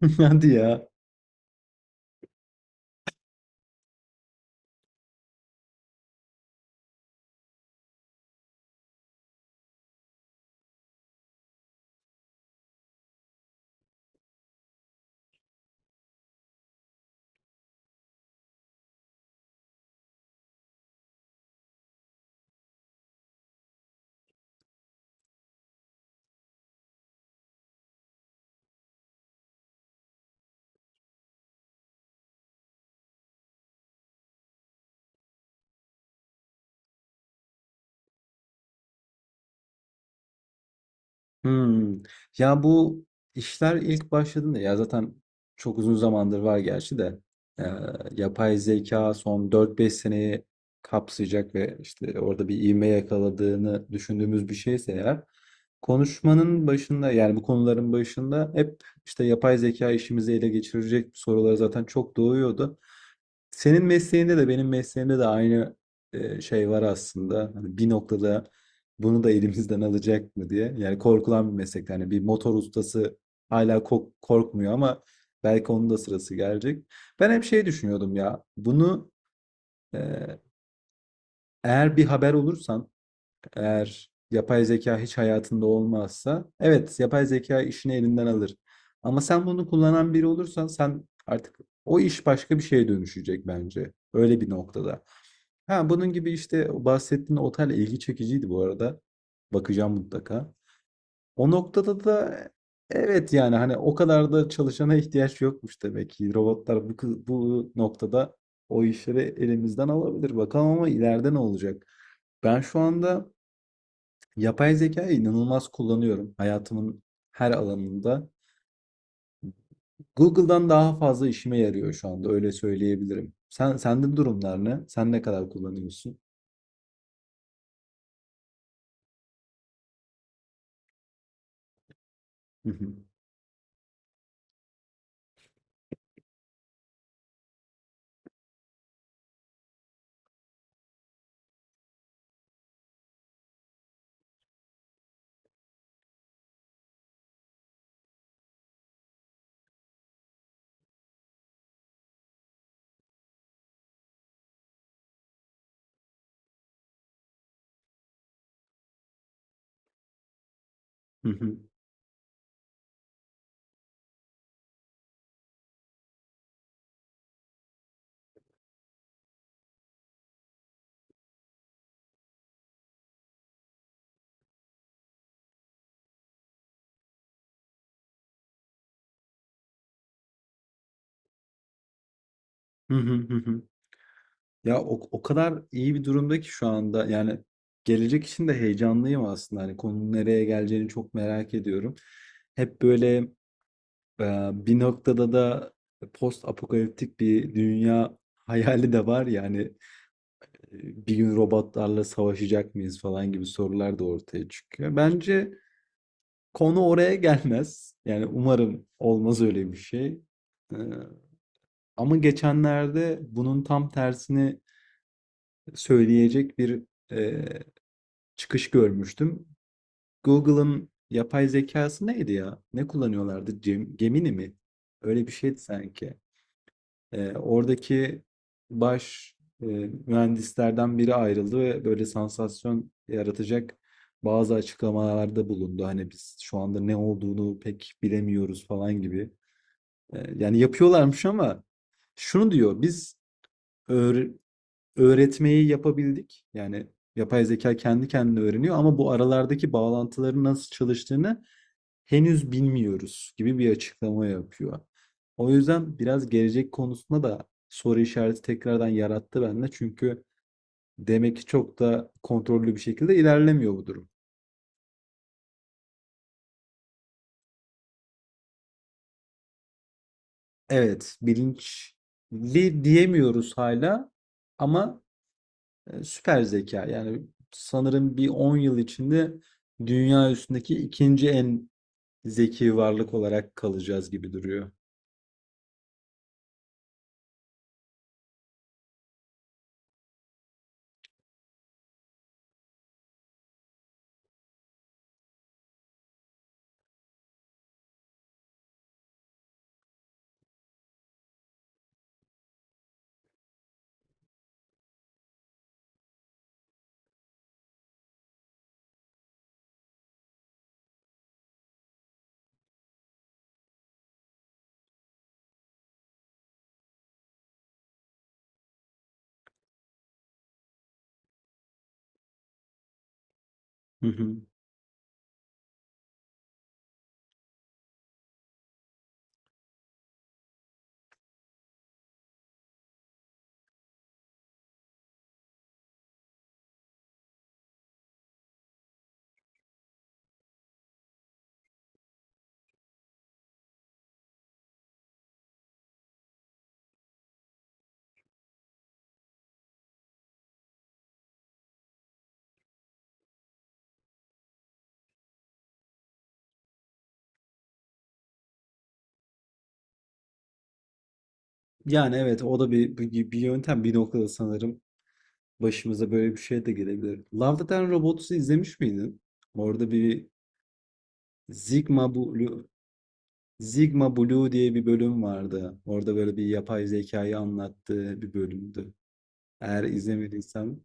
Hadi ya. Hımm. Ya, bu işler ilk başladığında ya, zaten çok uzun zamandır var gerçi de, eee, yapay zeka son dört beş seneyi kapsayacak ve, işte, orada bir ivme yakaladığını düşündüğümüz bir şeyse eğer, konuşmanın başında, yani, bu konuların başında hep, işte, yapay zeka işimizi ele geçirecek sorular zaten çok doğuyordu. Senin mesleğinde de benim mesleğimde de aynı şey var aslında. Hani bir noktada bunu da elimizden alacak mı diye. Yani korkulan bir meslek. Yani bir motor ustası hala korkmuyor ama belki onun da sırası gelecek. Ben hep şey düşünüyordum ya. Bunu e, eğer bir haber olursan, eğer yapay zeka hiç hayatında olmazsa, evet yapay zeka işini elinden alır. Ama sen bunu kullanan biri olursan sen artık o iş başka bir şeye dönüşecek bence. Öyle bir noktada. Ha, bunun gibi işte bahsettiğin otel ilgi çekiciydi bu arada. Bakacağım mutlaka. O noktada da evet yani hani o kadar da çalışana ihtiyaç yokmuş demek ki. Robotlar bu, bu noktada o işleri elimizden alabilir. Bakalım ama ileride ne olacak? Ben şu anda yapay zekayı inanılmaz kullanıyorum hayatımın her alanında. Google'dan daha fazla işime yarıyor şu anda öyle söyleyebilirim. Sen sende durumlar ne? Sen ne kadar kullanıyorsun? Hı hı. Hı hı. Hı hı hı hı. Ya o kadar iyi bir durumda ki şu anda yani gelecek için de heyecanlıyım aslında. Hani konunun nereye geleceğini çok merak ediyorum. Hep böyle bir noktada da post apokaliptik bir dünya hayali de var ya hani bir gün robotlarla savaşacak mıyız falan gibi sorular da ortaya çıkıyor. Bence konu oraya gelmez. Yani umarım olmaz öyle bir şey. E, ama geçenlerde bunun tam tersini söyleyecek bir çıkış görmüştüm. Google'ın yapay zekası neydi ya? Ne kullanıyorlardı? Gemini mi? Öyle bir şeydi sanki. Oradaki baş e, mühendislerden biri ayrıldı ve böyle sansasyon yaratacak bazı açıklamalarda bulundu. Hani biz şu anda ne olduğunu pek bilemiyoruz falan gibi. Yani yapıyorlarmış ama şunu diyor, biz öğre- öğretmeyi yapabildik. Yani yapay zeka kendi kendine öğreniyor ama bu aralardaki bağlantıların nasıl çalıştığını henüz bilmiyoruz gibi bir açıklama yapıyor. O yüzden biraz gelecek konusunda da soru işareti tekrardan yarattı bende. Çünkü demek ki çok da kontrollü bir şekilde ilerlemiyor bu durum. Evet, bilinçli diyemiyoruz hala ama süper zeka. Yani sanırım bir 10 yıl içinde dünya üstündeki ikinci en zeki varlık olarak kalacağız gibi duruyor. Hı hı. Yani evet o da bir yöntem bir noktada sanırım başımıza böyle bir şey de gelebilir. Love Death and Robots'u izlemiş miydin? Orada bir Sigma Blue Sigma Blue diye bir bölüm vardı. Orada böyle bir yapay zekayı anlattığı bir bölümdü. Eğer izlemediysen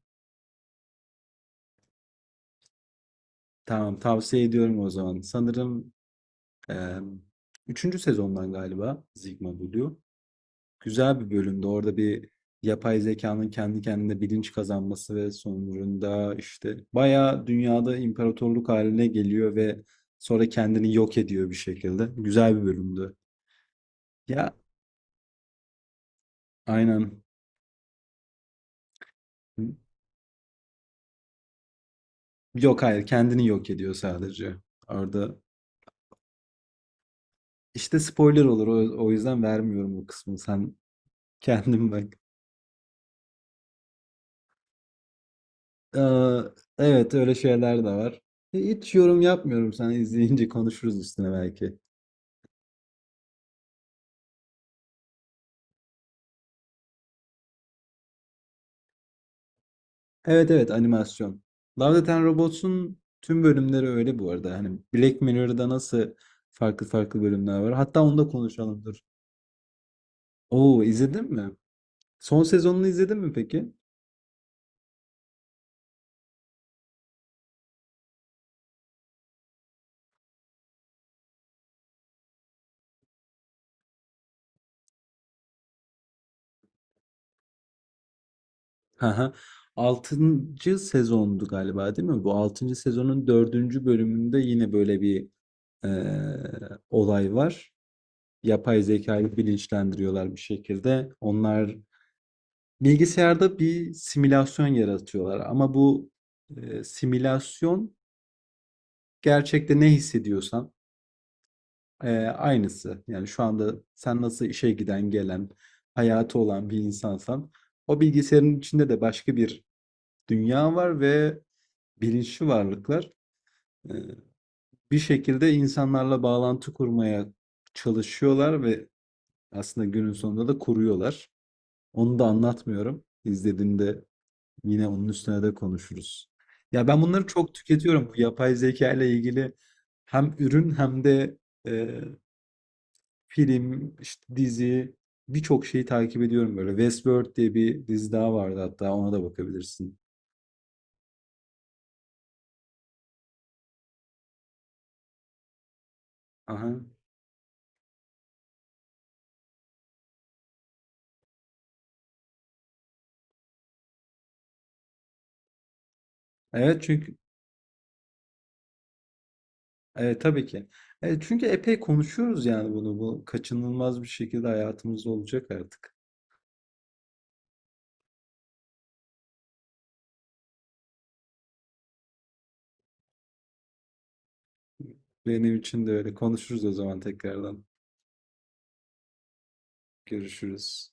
tamam tavsiye ediyorum o zaman. Sanırım eee üçüncü sezondan galiba Sigma Blue. Güzel bir bölümde. Orada bir yapay zekanın kendi kendine bilinç kazanması ve sonucunda işte bayağı dünyada imparatorluk haline geliyor ve sonra kendini yok ediyor bir şekilde. Güzel bir bölümdü. Ya aynen. Yok hayır kendini yok ediyor sadece. Orada işte spoiler olur o yüzden vermiyorum bu kısmını. Sen kendin bak. Ee, evet öyle şeyler de var. E, hiç yorum yapmıyorum. Sen izleyince konuşuruz üstüne belki. Evet evet animasyon. Love, Death and Robots'un tüm bölümleri öyle bu arada. Hani Black Mirror'da nasıl farklı farklı bölümler var. Hatta onu da konuşalım dur. Oo izledin mi? Son sezonunu izledin mi peki? Haha. Altıncı sezondu galiba değil mi? Bu altıncı sezonun dördüncü bölümünde yine böyle bir olay var. Yapay zekayı bilinçlendiriyorlar bir şekilde. Onlar bilgisayarda bir simülasyon yaratıyorlar. Ama bu simülasyon gerçekte ne hissediyorsan, aynısı. Yani, şu anda sen nasıl işe giden, gelen, hayatı olan bir insansan o bilgisayarın içinde de başka bir dünya var ve bilinçli varlıklar, eee, bir şekilde insanlarla bağlantı kurmaya çalışıyorlar ve aslında günün sonunda da kuruyorlar. Onu da anlatmıyorum. İzlediğinde yine onun üstüne de konuşuruz. Ya, ben bunları çok tüketiyorum. Bu yapay zeka ile ilgili hem ürün hem de, eee film, işte dizi, birçok şeyi takip ediyorum böyle. Westworld diye bir dizi daha vardı hatta ona da bakabilirsin. Aha. Evet çünkü evet, tabii ki. Evet, çünkü epey konuşuyoruz yani bunu. Bu kaçınılmaz bir şekilde hayatımızda olacak artık. Benim için de öyle. Konuşuruz o zaman tekrardan. Görüşürüz.